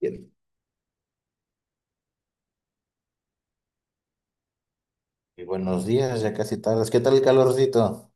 Bien. Y buenos días, ya casi tardes. ¿Qué tal el calorcito?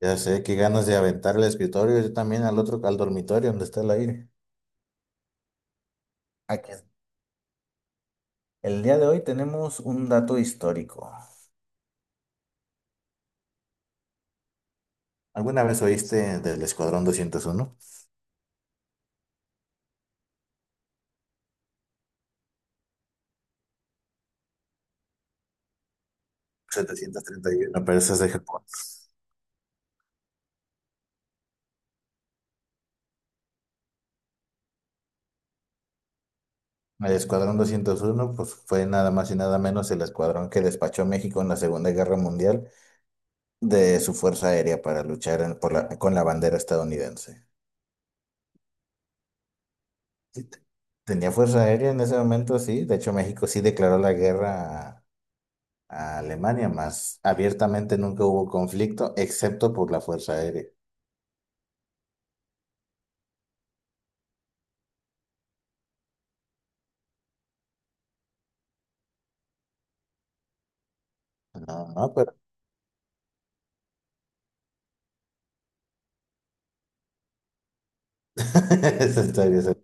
Ya sé, qué ganas de aventar el escritorio, yo también al otro, al dormitorio donde está el aire. Aquí. El día de hoy tenemos un dato histórico. ¿Alguna vez oíste del Escuadrón 201 731? Pero eso es de Japón. El Escuadrón 201 pues fue nada más y nada menos el escuadrón que despachó a México en la Segunda Guerra Mundial de su Fuerza Aérea para luchar en- por la- con la bandera estadounidense. Sí, tenía fuerza aérea en ese momento, sí. De hecho, México sí declaró la guerra a Alemania, más abiertamente nunca hubo conflicto, excepto por la fuerza aérea. No, no, pero eso está bien, eso-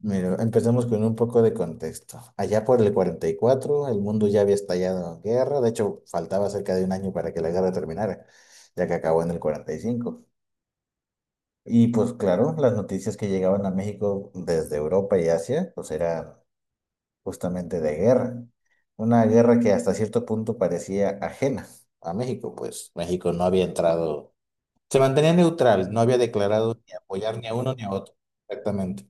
Mira, empecemos con un poco de contexto. Allá por el 44, el mundo ya había estallado en guerra. De hecho, faltaba cerca de un año para que la guerra terminara, ya que acabó en el 45. Y cinco. Y pues claro, las noticias que llegaban a México desde Europa y Asia, pues eran justamente de guerra. Una guerra que hasta cierto punto parecía ajena a México, pues México no había entrado, se mantenía neutral, no había declarado ni apoyar ni a uno ni a otro, exactamente.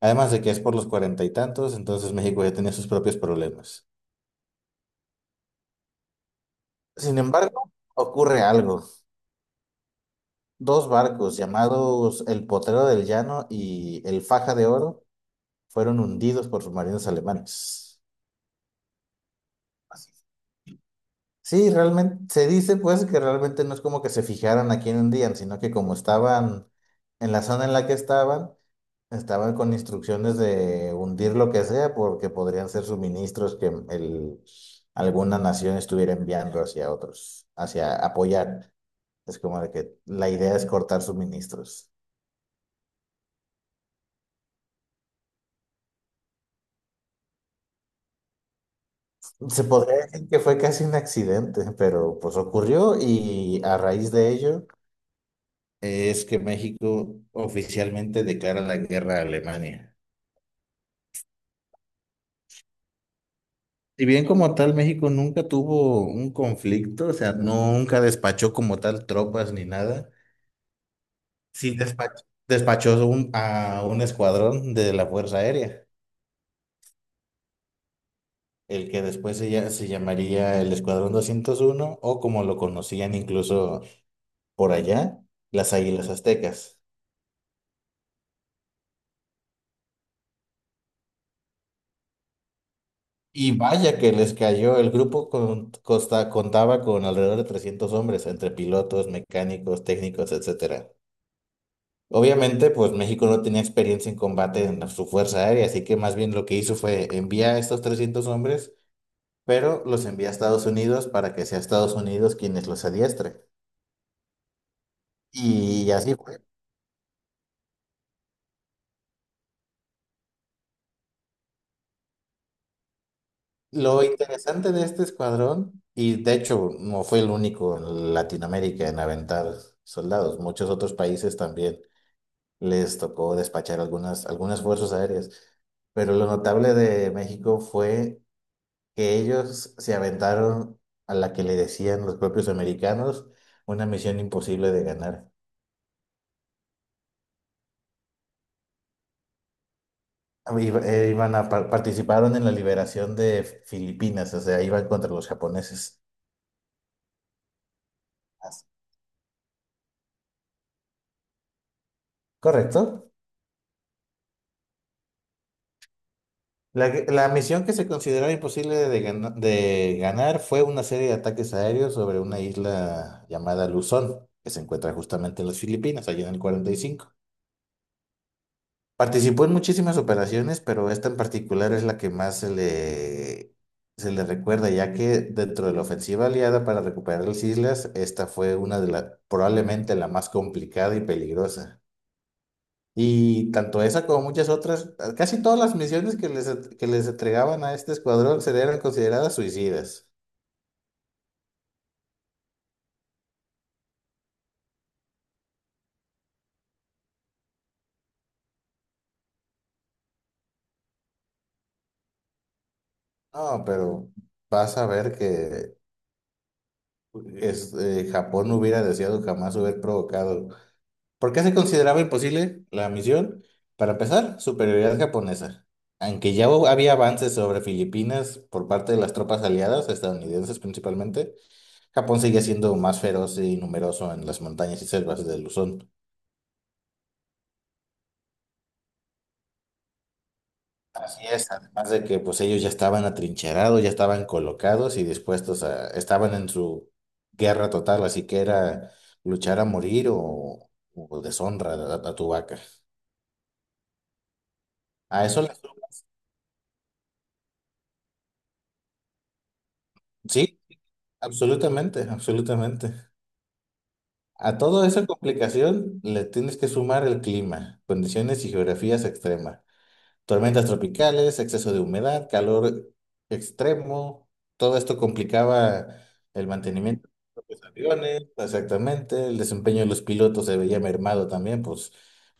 Además de que es por los cuarenta y tantos, entonces México ya tenía sus propios problemas. Sin embargo, ocurre algo. Dos barcos llamados el Potrero del Llano y el Faja de Oro fueron hundidos por submarinos alemanes. Sí, realmente se dice pues que realmente no es como que se fijaran aquí en un día, sino que como estaban en la zona en la que estaban, estaban con instrucciones de hundir lo que sea porque podrían ser suministros que alguna nación estuviera enviando hacia otros, hacia apoyar. Es como de que la idea es cortar suministros. Se podría decir que fue casi un accidente, pero pues ocurrió y a raíz de ello es que México oficialmente declara la guerra a Alemania. Si bien como tal México nunca tuvo un conflicto, o sea, nunca despachó como tal tropas ni nada, sí despachó a un escuadrón de la Fuerza Aérea, el que después se llamaría el Escuadrón doscientos uno o como lo conocían incluso por allá, las Águilas Aztecas. Y vaya que les cayó. El grupo contaba con alrededor de 300 hombres, entre pilotos, mecánicos, técnicos, etcétera. Obviamente, pues México no tenía experiencia en combate en su fuerza aérea, así que más bien lo que hizo fue enviar a estos 300 hombres, pero los envía a Estados Unidos para que sea Estados Unidos quienes los adiestre. Y así fue. Lo interesante de este escuadrón, y de hecho no fue el único en Latinoamérica en aventar soldados, muchos otros países también les tocó despachar algunas fuerzas aéreas. Pero lo notable de México fue que ellos se aventaron a la que le decían los propios americanos una misión imposible de ganar. Participaron en la liberación de Filipinas, o sea, iban contra los japoneses. ¿Correcto? La misión que se consideraba imposible de ganar fue una serie de ataques aéreos sobre una isla llamada Luzón, que se encuentra justamente en las Filipinas, allá en el cuarenta y cinco. Participó en muchísimas operaciones, pero esta en particular es la que más se le recuerda, ya que dentro de la ofensiva aliada para recuperar las islas, esta fue una de las, probablemente la más complicada y peligrosa. Y tanto esa como muchas otras, casi todas las misiones que les entregaban a este escuadrón se eran consideradas suicidas. No, pero vas a ver que Japón no hubiera deseado jamás haber provocado. ¿Por qué se consideraba imposible la misión? Para empezar, superioridad japonesa. Aunque ya había avances sobre Filipinas por parte de las tropas aliadas, estadounidenses principalmente, Japón seguía siendo más feroz y numeroso en las montañas y selvas de Luzón. Así es, además de que pues ellos ya estaban atrincherados, ya estaban colocados y dispuestos a, estaban en su guerra total, así que era luchar a morir o deshonra a, tu vaca. A eso le- sí, absolutamente, absolutamente. A toda esa complicación le tienes que sumar el clima, condiciones y geografías extremas. Tormentas tropicales, exceso de humedad, calor extremo, todo esto complicaba el mantenimiento de los propios aviones, exactamente, el desempeño de los pilotos se veía mermado también, pues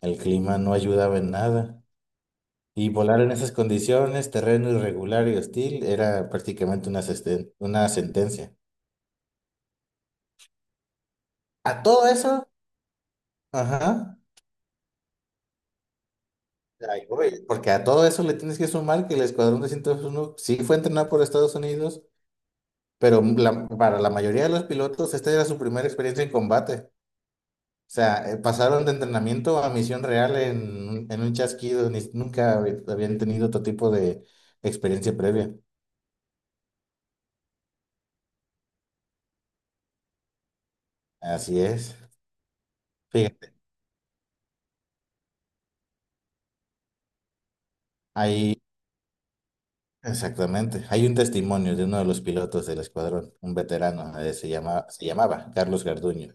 el clima no ayudaba en nada. Y volar en esas condiciones, terreno irregular y hostil, era prácticamente una, una sentencia. A todo eso, ajá, ahí voy, porque a todo eso le tienes que sumar que el Escuadrón de 101 sí fue entrenado por Estados Unidos. Pero la- para la mayoría de los pilotos, esta era su primera experiencia en combate. O sea, pasaron de entrenamiento a misión real en, en un chasquido. Ni- nunca hab- Habían tenido otro tipo de experiencia previa. Así es. Fíjate, ahí, exactamente. Hay un testimonio de uno de los pilotos del escuadrón, un veterano, se llamaba Carlos Garduño.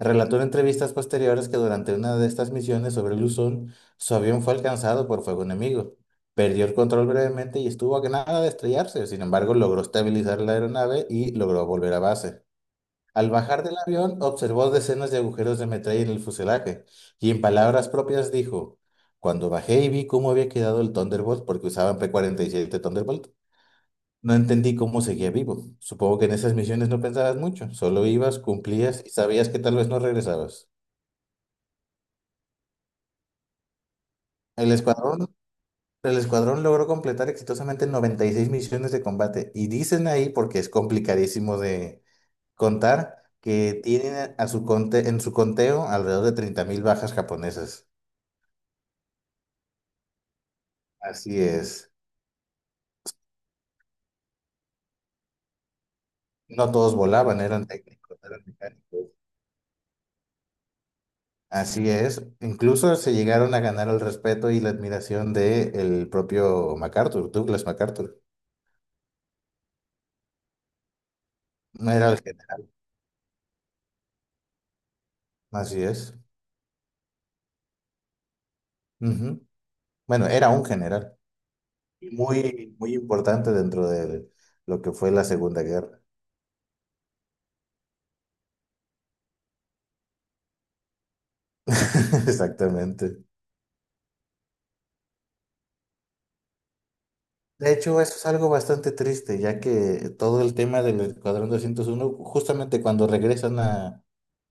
Relató en entrevistas posteriores que durante una de estas misiones sobre Luzón, su avión fue alcanzado por fuego enemigo. Perdió el control brevemente y estuvo a nada de estrellarse. Sin embargo, logró estabilizar la aeronave y logró volver a base. Al bajar del avión, observó decenas de agujeros de metralla en el fuselaje y en palabras propias dijo, cuando bajé y vi cómo había quedado el Thunderbolt, porque usaban P-47 Thunderbolt, no entendí cómo seguía vivo. Supongo que en esas misiones no pensabas mucho, solo ibas, cumplías y sabías que tal vez no regresabas. El escuadrón, el escuadrón logró completar exitosamente 96 misiones de combate y dicen ahí, porque es complicadísimo de contar, que tienen a su en su conteo alrededor de 30,000 bajas japonesas. Así es. No todos volaban, eran técnicos, eran mecánicos. Así es. Incluso se llegaron a ganar el respeto y la admiración del propio MacArthur, Douglas MacArthur. No era el general. Así es. Ujú. Bueno, era un general. Muy, muy importante dentro de lo que fue la Segunda Guerra. Exactamente. De hecho, eso es algo bastante triste, ya que todo el tema del Escuadrón doscientos uno justamente cuando regresan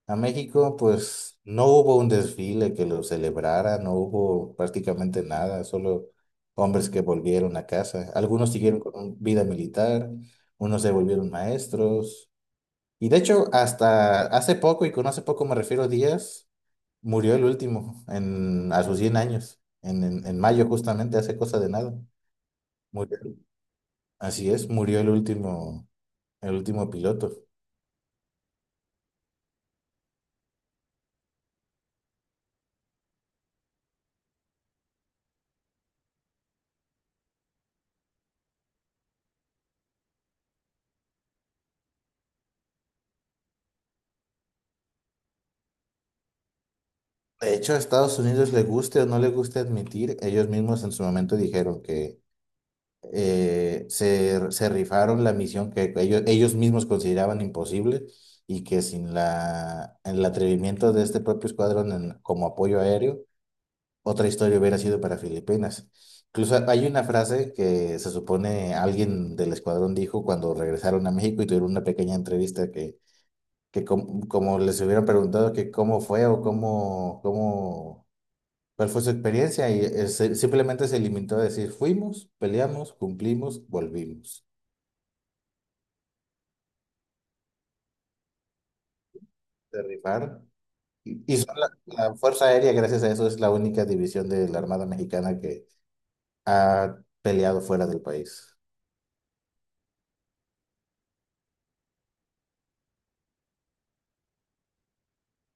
a México, pues no hubo un desfile que lo celebrara, no hubo prácticamente nada, solo hombres que volvieron a casa. Algunos siguieron con un- vida militar, unos se volvieron maestros. Y de hecho, hasta hace poco, y con hace poco me refiero a días, murió el último en, a sus 100 años, en, en mayo justamente, hace cosa de nada. Murió- Así es, murió el último piloto. De hecho, a Estados Unidos le guste o no le guste admitir, ellos mismos en su momento dijeron que se, se rifaron la misión que ellos mismos consideraban imposible y que sin el atrevimiento de este propio escuadrón como apoyo aéreo otra historia hubiera sido para Filipinas. Incluso hay una frase que se supone alguien del escuadrón dijo cuando regresaron a México y tuvieron una pequeña entrevista que como les hubieran preguntado que cómo fue o cuál fue su experiencia simplemente se limitó a decir fuimos, peleamos, cumplimos, volvimos. Se rifaron. Y son la Fuerza Aérea, gracias a eso, es la única división de la Armada Mexicana que ha peleado fuera del país.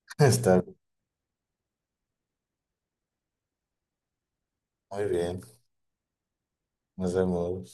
Está muy bien. Nos vemos.